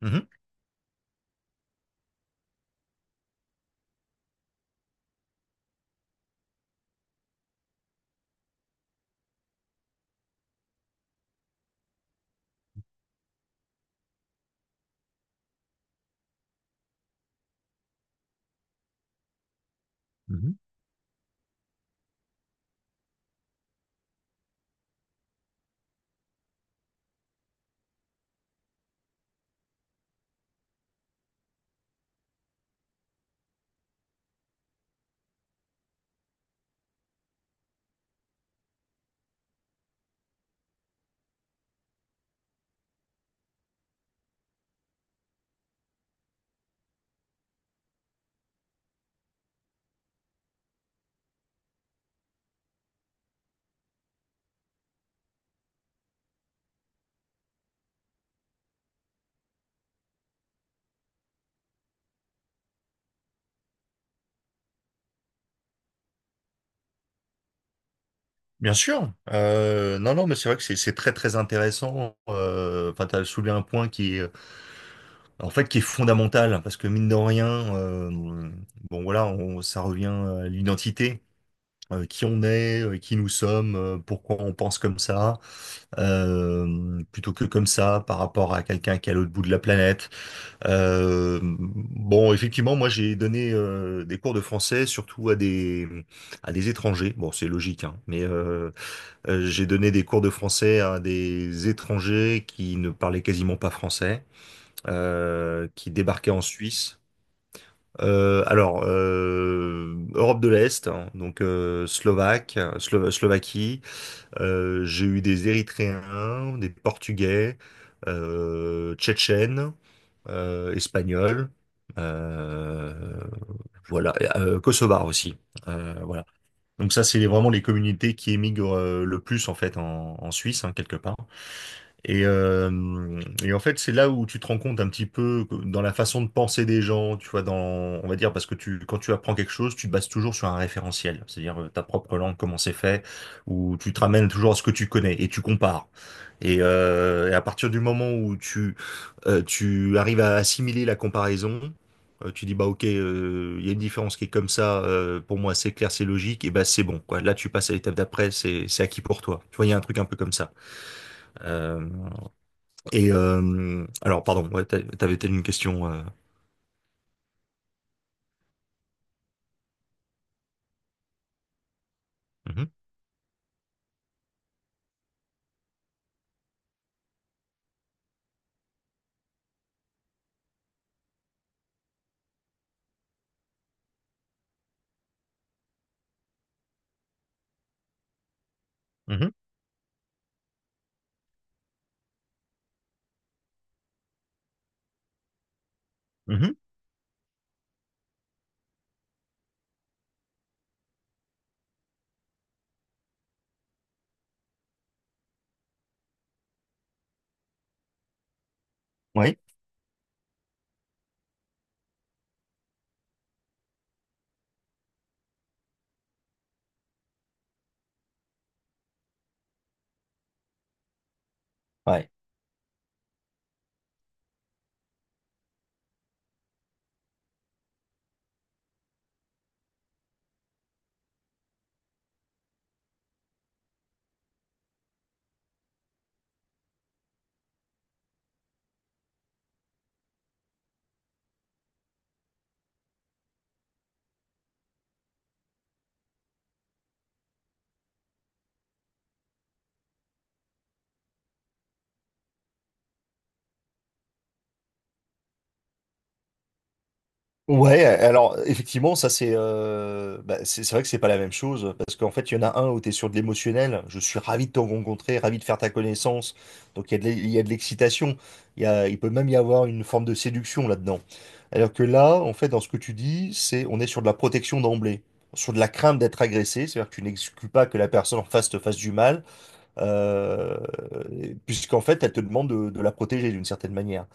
Mhm. Mhm. Bien sûr. Non, non, mais c'est vrai que c'est très très intéressant. Enfin, t'as soulevé un point qui est en fait qui est fondamental parce que mine de rien, euh, bon voilà, ça revient à l'identité, qui on est, qui nous sommes, pourquoi on pense comme ça, plutôt que comme ça par rapport à quelqu'un qui est à l'autre bout de la planète. Bon, effectivement, moi j'ai donné des cours de français surtout à des étrangers. Bon, c'est logique, hein, mais j'ai donné des cours de français à des étrangers qui ne parlaient quasiment pas français, qui débarquaient en Suisse. Alors, Europe de l'Est, hein, donc Slovaque, Slovaquie. J'ai eu des Érythréens, des Portugais, Tchétchènes, Espagnols. euh, voilà, et Kosovar aussi. Voilà. Donc ça, c'est vraiment les communautés qui émigrent le plus en fait en Suisse, hein, quelque part. Et en fait, c'est là où tu te rends compte un petit peu dans la façon de penser des gens, tu vois, on va dire, parce que quand tu apprends quelque chose, tu te bases toujours sur un référentiel, c'est-à-dire ta propre langue, comment c'est fait, ou tu te ramènes toujours à ce que tu connais et tu compares. Et à partir du moment où tu arrives à assimiler la comparaison, tu dis, bah ok, il y a une différence qui est comme ça, pour moi c'est clair, c'est logique, et bah c'est bon, quoi. Là, tu passes à l'étape d'après, c'est acquis pour toi. Tu vois, il y a un truc un peu comme ça. Euh, alors, pardon, ouais, t'avais peut-être une question. Mhm, mhm, mhm, ouais, ouais. Ouais, alors effectivement, ça c'est bah, c'est vrai que c'est pas la même chose parce qu'en fait, il y en a un où tu es sur de l'émotionnel. Je suis ravi de te rencontrer, ravi de faire ta connaissance. Donc il y a de l'excitation. Il peut même y avoir une forme de séduction là-dedans. Alors que là, en fait, dans ce que tu dis, c'est on est sur de la protection d'emblée, sur de la crainte d'être agressé. C'est-à-dire que tu n'exclus pas que la personne en face te fasse du mal. euh, Puisqu'en fait, elle te demande de, la protéger d'une certaine manière.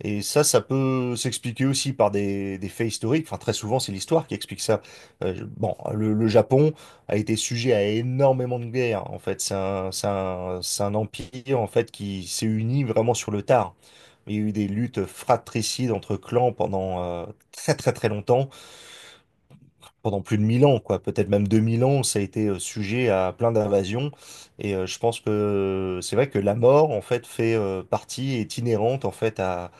Et ça peut s'expliquer aussi par des faits historiques. Enfin, très souvent, c'est l'histoire qui explique ça. Bon, le Japon a été sujet à énormément de guerres. En fait, c'est un empire en fait qui s'est uni vraiment sur le tard. Il y a eu des luttes fratricides entre clans pendant très très très longtemps pendant plus de 1000 ans, quoi, peut-être même 2000 ans, ça a été sujet à plein d'invasions. Et je pense que c'est vrai que la mort, en fait, fait partie, est inhérente, en fait, à,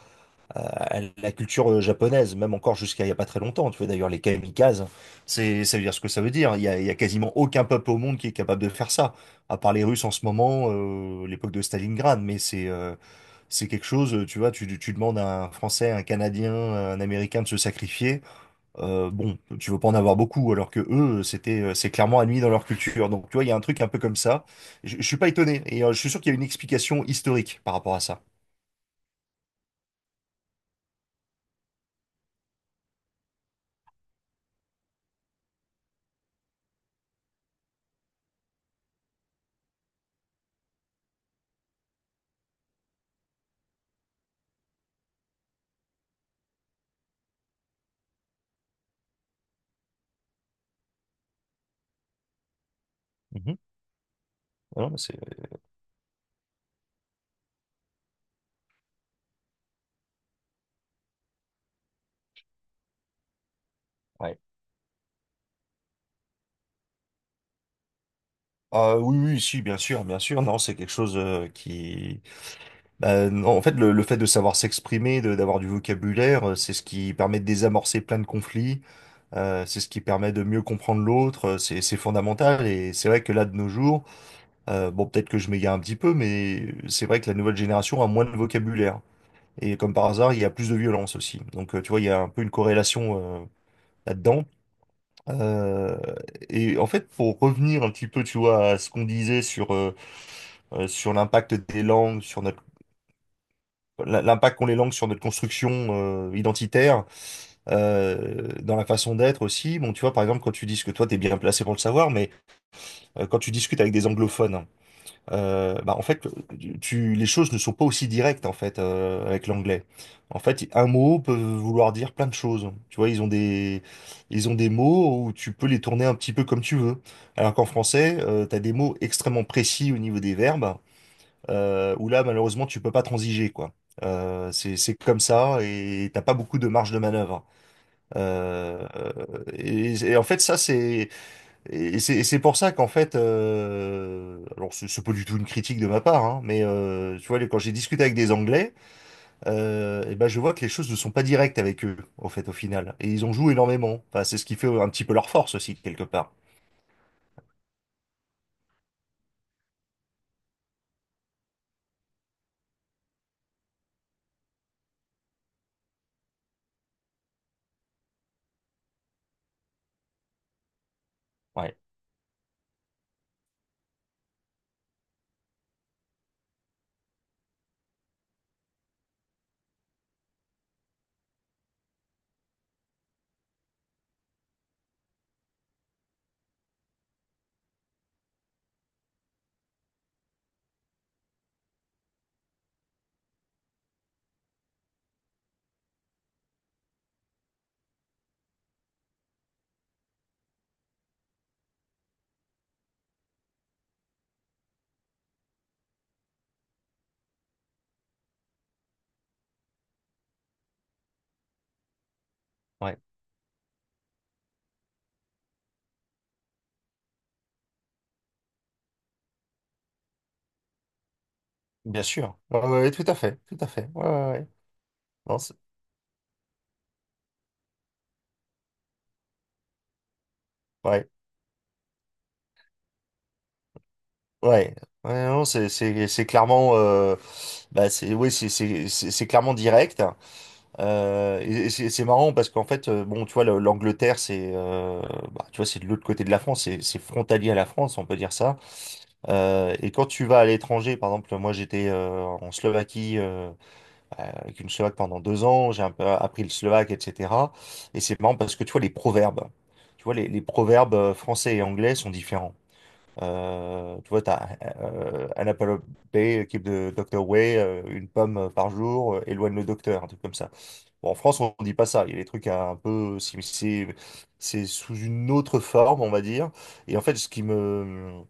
à- à la culture japonaise, même encore jusqu'à il n'y a pas très longtemps. Tu vois, d'ailleurs, les kamikazes, ça veut dire ce que ça veut dire. Il y a quasiment aucun peuple au monde qui est capable de faire ça, à part les Russes en ce moment, l'époque de Stalingrad, mais c'est quelque chose, tu vois, tu demandes à un Français, un Canadien, un Américain de se sacrifier. Bon, tu veux pas en avoir beaucoup, alors que eux, c'est clairement admis dans leur culture. Donc, tu vois, il y a un truc un peu comme ça. Je suis pas étonné, et je suis sûr qu'il y a une explication historique par rapport à ça. Mhm. Ah non, mais c'est, ouais. Ah oui, oui, si, bien sûr, bien sûr. Non, c'est quelque chose qui. Bah, non, en fait, le fait de savoir s'exprimer, d'avoir du vocabulaire, c'est ce qui permet de désamorcer plein de conflits. C'est ce qui permet de mieux comprendre l'autre. C'est fondamental. Et c'est vrai que là, de nos jours. Bon, peut-être que je m'égare un petit peu, mais c'est vrai que la nouvelle génération a moins de vocabulaire. Et comme par hasard, il y a plus de violence aussi. Donc, tu vois, il y a un peu une corrélation là-dedans. Euh, et en fait, pour revenir un petit peu, tu vois, à ce qu'on disait sur l'impact des langues, l'impact qu'ont les langues sur notre construction identitaire, dans la façon d'être aussi. Bon, tu vois, par exemple, quand tu dis que toi, t'es bien placé pour le savoir, mais quand tu discutes avec des anglophones, bah en fait, les choses ne sont pas aussi directes en fait avec l'anglais. En fait, un mot peut vouloir dire plein de choses. Tu vois, ils ont des mots où tu peux les tourner un petit peu comme tu veux. Alors qu'en français, tu as des mots extrêmement précis au niveau des verbes, où là, malheureusement, tu peux pas transiger, quoi. C'est comme ça et t'as pas beaucoup de marge de manœuvre. Euh, et en fait, ça, c'est et c'est et c'est pour ça qu'en fait, alors c'est pas du tout une critique de ma part, hein, mais tu vois, quand j'ai discuté avec des Anglais, et ben je vois que les choses ne sont pas directes avec eux, au fait, au final. Et ils en jouent énormément. Enfin, c'est ce qui fait un petit peu leur force aussi, quelque part. Ouais, ouais, bien sûr. Ouais, ouais, tout à fait, tout à fait. Ouais, ouais, ouais. Non, ouais, ouais. Ouais, non, c'est clairement, bah oui, c'est clairement direct. Et c'est marrant parce qu'en fait, bon, tu vois, l'Angleterre, bah, tu vois, c'est de l'autre côté de la France, c'est frontalier à la France, on peut dire ça. Et quand tu vas à l'étranger, par exemple, moi j'étais en Slovaquie avec une Slovaque pendant 2 ans, j'ai un peu appris le slovaque, etc. Et c'est marrant parce que tu vois, les proverbes, tu vois, les proverbes français et anglais sont différents. Tu vois, tu as un Apple Day, équipe de Dr. Way, une pomme par jour, éloigne le docteur, un truc comme ça. Bon, en France, on dit pas ça. Il y a des trucs un peu. C'est sous une autre forme, on va dire. Et en fait, ce qui me,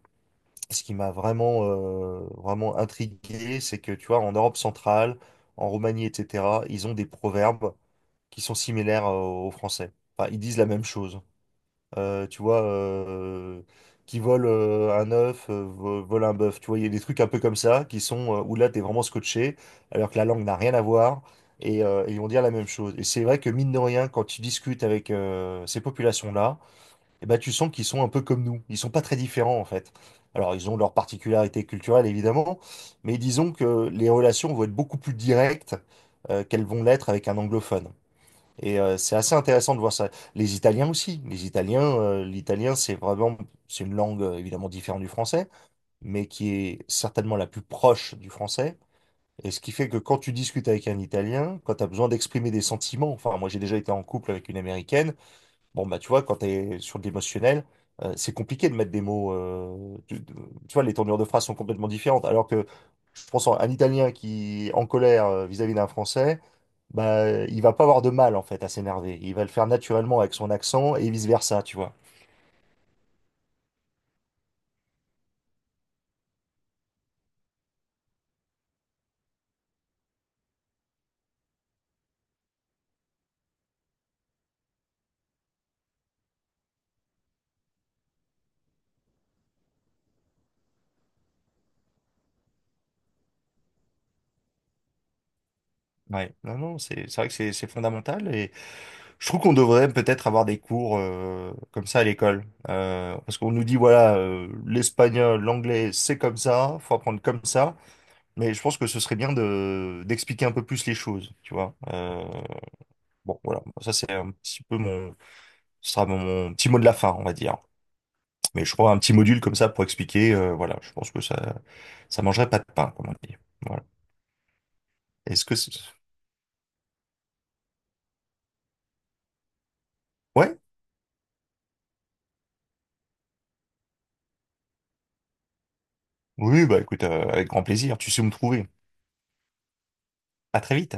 ce qui m'a vraiment intrigué, c'est que, tu vois, en Europe centrale, en Roumanie, etc., ils ont des proverbes qui sont similaires, aux Français. Enfin, ils disent la même chose tu vois, qui vole un œuf, vole un bœuf. Tu vois, il y a des trucs un peu comme ça qui sont où là, t'es vraiment scotché, alors que la langue n'a rien à voir. Et ils vont dire la même chose. Et c'est vrai que mine de rien, quand tu discutes avec ces populations-là, eh ben, tu sens qu'ils sont un peu comme nous. Ils sont pas très différents en fait. Alors ils ont leurs particularités culturelles évidemment, mais disons que les relations vont être beaucoup plus directes qu'elles vont l'être avec un anglophone. Et c'est assez intéressant de voir ça. Les Italiens aussi. Les Italiens, l'italien, c'est vraiment, c'est une langue évidemment différente du français, mais qui est certainement la plus proche du français. Et ce qui fait que quand tu discutes avec un Italien, quand tu as besoin d'exprimer des sentiments, enfin, moi j'ai déjà été en couple avec une Américaine, bon, bah tu vois, quand tu es sur de l'émotionnel, c'est compliqué de mettre des mots. Tu vois, les tournures de phrases sont complètement différentes. Alors que je pense à un Italien qui est en colère vis-à-vis d'un Français, bah, il va pas avoir de mal en fait à s'énerver. Il va le faire naturellement avec son accent et vice-versa, tu vois. Ouais, non, non, c'est vrai que c'est fondamental et je trouve qu'on devrait peut-être avoir des cours comme ça à l'école. Parce qu'on nous dit, voilà, l'espagnol, l'anglais, c'est comme ça, faut apprendre comme ça. Mais je pense que ce serait bien de d'expliquer un peu plus les choses, tu vois. Bon, voilà, ça c'est un petit peu ce sera mon petit mot de la fin, on va dire. Mais je crois un petit module comme ça pour expliquer, voilà, je pense que ça mangerait pas de pain, comme on dit. Voilà. Est-ce que c'est... Ouais? Oui, bah écoute, avec grand plaisir. Tu sais où me trouver. À très vite.